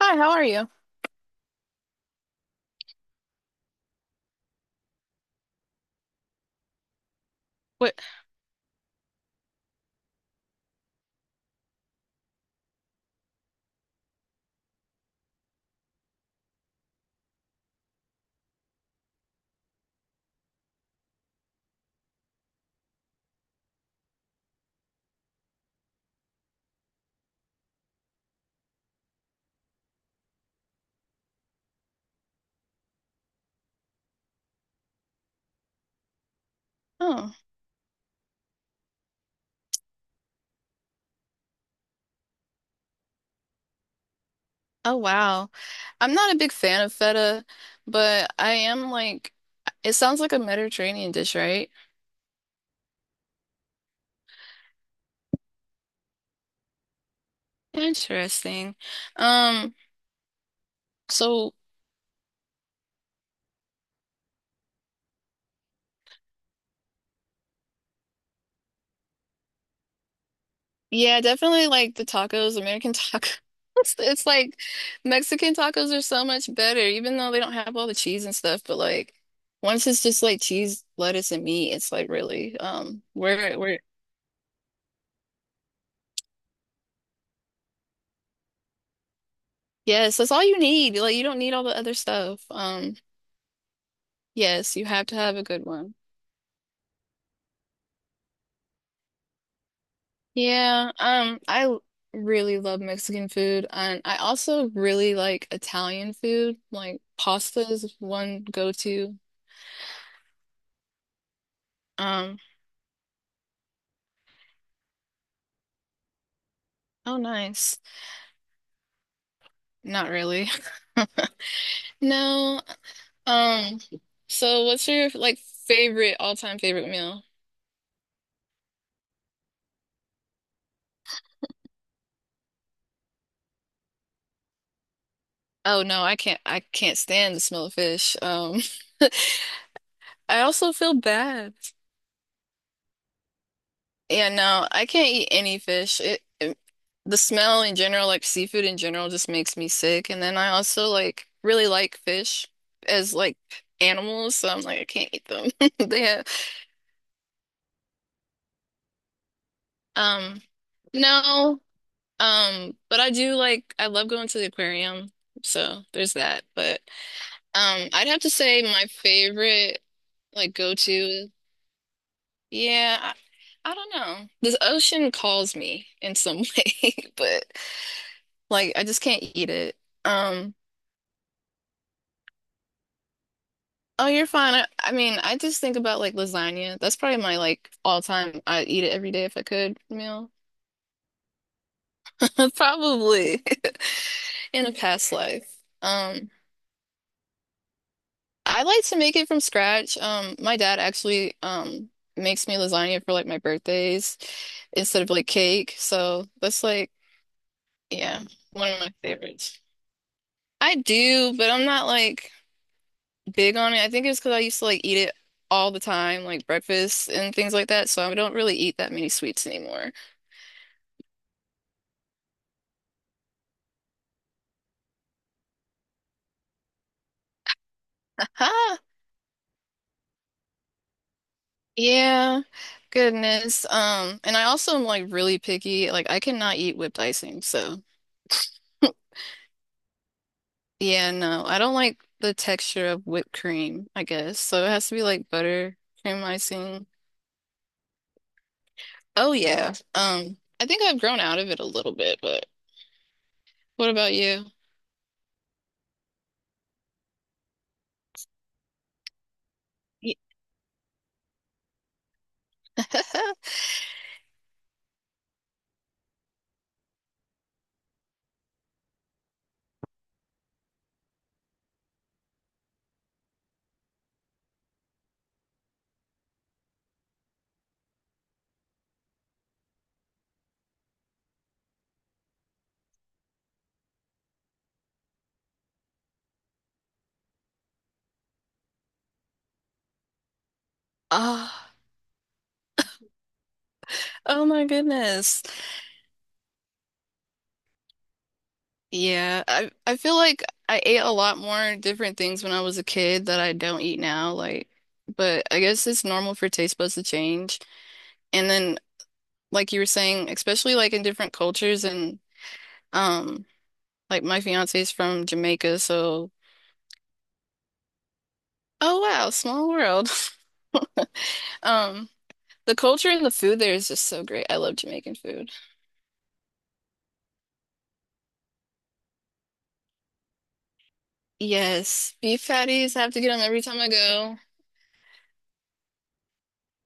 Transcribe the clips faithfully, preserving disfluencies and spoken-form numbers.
Hi, how are you? What? Oh, oh wow. I'm not a big fan of feta, but I am like, it sounds like a Mediterranean dish, right? Interesting. Um, so yeah, definitely like the tacos, American tacos. It's like Mexican tacos are so much better, even though they don't have all the cheese and stuff, but like once it's just like cheese, lettuce, and meat, it's like really, um, where, where, yes, that's all you need. Like you don't need all the other stuff. Um, Yes, you have to have a good one. Yeah, um, I l- really love Mexican food, and I also really like Italian food. Like pasta is one go-to. Um, oh, nice. Not really. No. Um, so what's your like favorite all-time favorite meal? Oh no, I can't. I can't stand the smell of fish. Um, I also feel bad. Yeah, no, I can't eat any fish. It, it the smell in general, like seafood in general, just makes me sick. And then I also like really like fish as like animals, so I'm like I can't eat them. They have, um, no, um, but I do like I love going to the aquarium, so there's that. But um, I'd have to say my favorite like go-to, yeah, I, I don't know. This ocean calls me in some way, but. Like I just can't eat it. Um, oh, you're fine. I, I mean, I just think about like lasagna. That's probably my like all time I'd eat it every day if I could meal. Probably in a past life. Um, I like to make it from scratch. Um, my dad actually um makes me lasagna for like my birthdays instead of like cake. So that's like, yeah, one of my favorites. I do, but I'm not like big on it. I think it's because I used to like eat it all the time, like breakfast and things like that. So I don't really eat that many sweets anymore. Haha. Yeah. Goodness. Um, and I also am like really picky. Like I cannot eat whipped icing. So yeah, no. I don't like the texture of whipped cream, I guess. So it has to be like butter, cream icing. Oh yeah. Um, I think I've grown out of it a little bit, but what about you? Yeah. Oh, oh my goodness. Yeah, I I feel like I ate a lot more different things when I was a kid that I don't eat now, like but I guess it's normal for taste buds to change. And then like you were saying, especially like in different cultures and um like my fiance is from Jamaica, so oh wow, small world. Um the culture and the food there is just so great. I love Jamaican food. Yes, beef patties, I have to get them every time I go.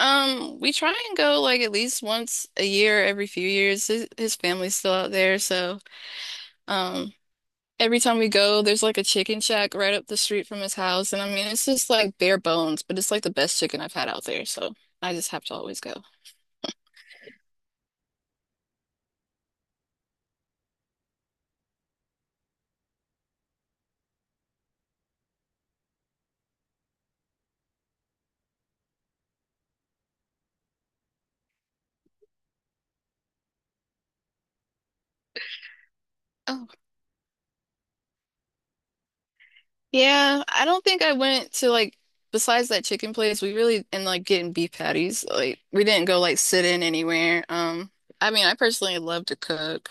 Um, we try and go like at least once a year, every few years. His, his family's still out there, so um, every time we go, there's like a chicken shack right up the street from his house, and I mean, it's just like bare bones, but it's like the best chicken I've had out there, so I just have to always go. Oh, yeah. I don't think I went to like besides that chicken place, we really and like getting beef patties. Like we didn't go like sit in anywhere. Um, I mean, I personally love to cook.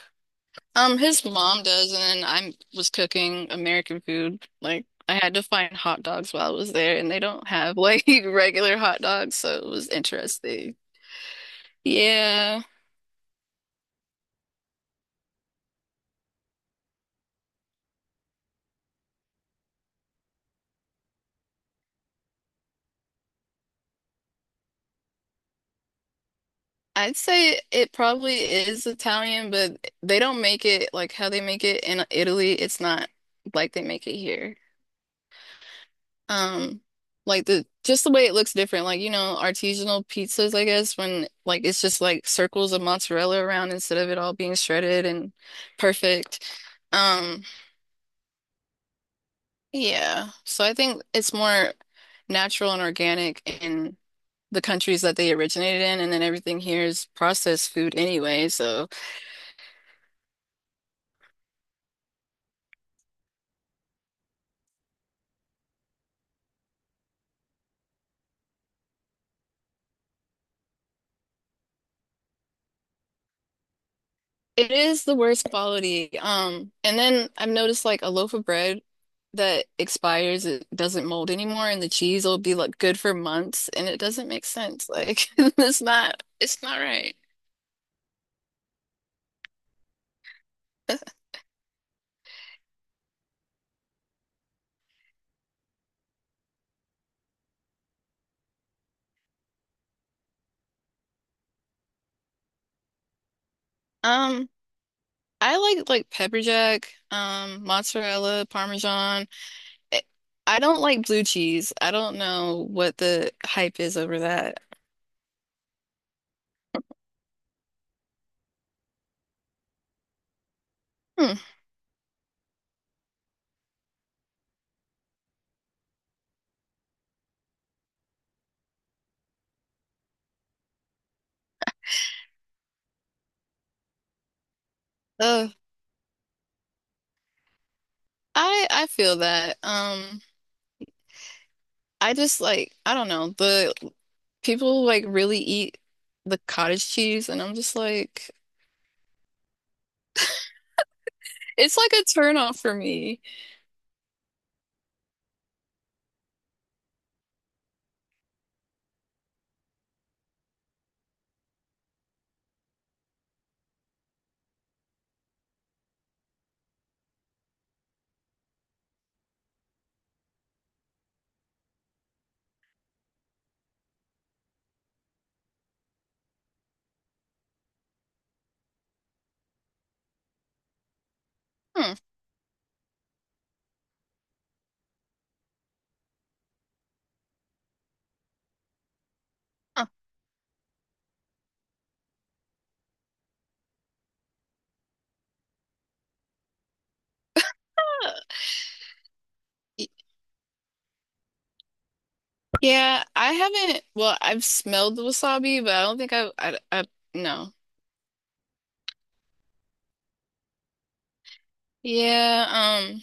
Um, his mom does, and I was cooking American food. Like, I had to find hot dogs while I was there, and they don't have like regular hot dogs, so it was interesting. Yeah, I'd say it probably is Italian, but they don't make it like how they make it in Italy. It's not like they make it here. Um, like the just the way it looks different. Like, you know, artisanal pizzas, I guess, when like it's just like circles of mozzarella around instead of it all being shredded and perfect. Um, yeah. So I think it's more natural and organic in the countries that they originated in, and then everything here is processed food anyway, so it is the worst quality. Um, and then I've noticed like a loaf of bread that expires, it doesn't mold anymore, and the cheese will be like good for months, and it doesn't make sense. Like it's not, it's not right. Um, I like like pepper jack, um, mozzarella, parmesan. I I don't like blue cheese. I don't know what the hype is over that. Hmm. Uh, I I feel that. Um. I just like, I don't know, the people like really eat the cottage cheese, and I'm just like, it's like a turnoff for me. Hmm. Huh. Y- Yeah, I haven't, well, I've smelled the wasabi, but I don't think I've, I, I, no. Yeah, um,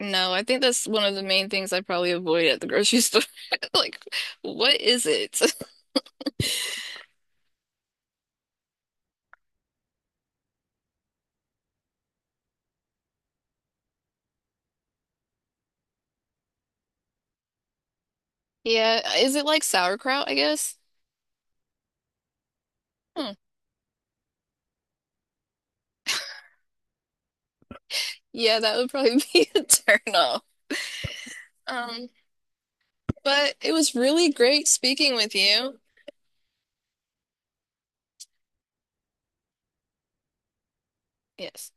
no, I think that's one of the main things I probably avoid at the grocery store. Like, what is it? Yeah, is it like sauerkraut, I guess? Hmm. Yeah, that would probably be a turn off. Um, But it was really great speaking with you. Yes.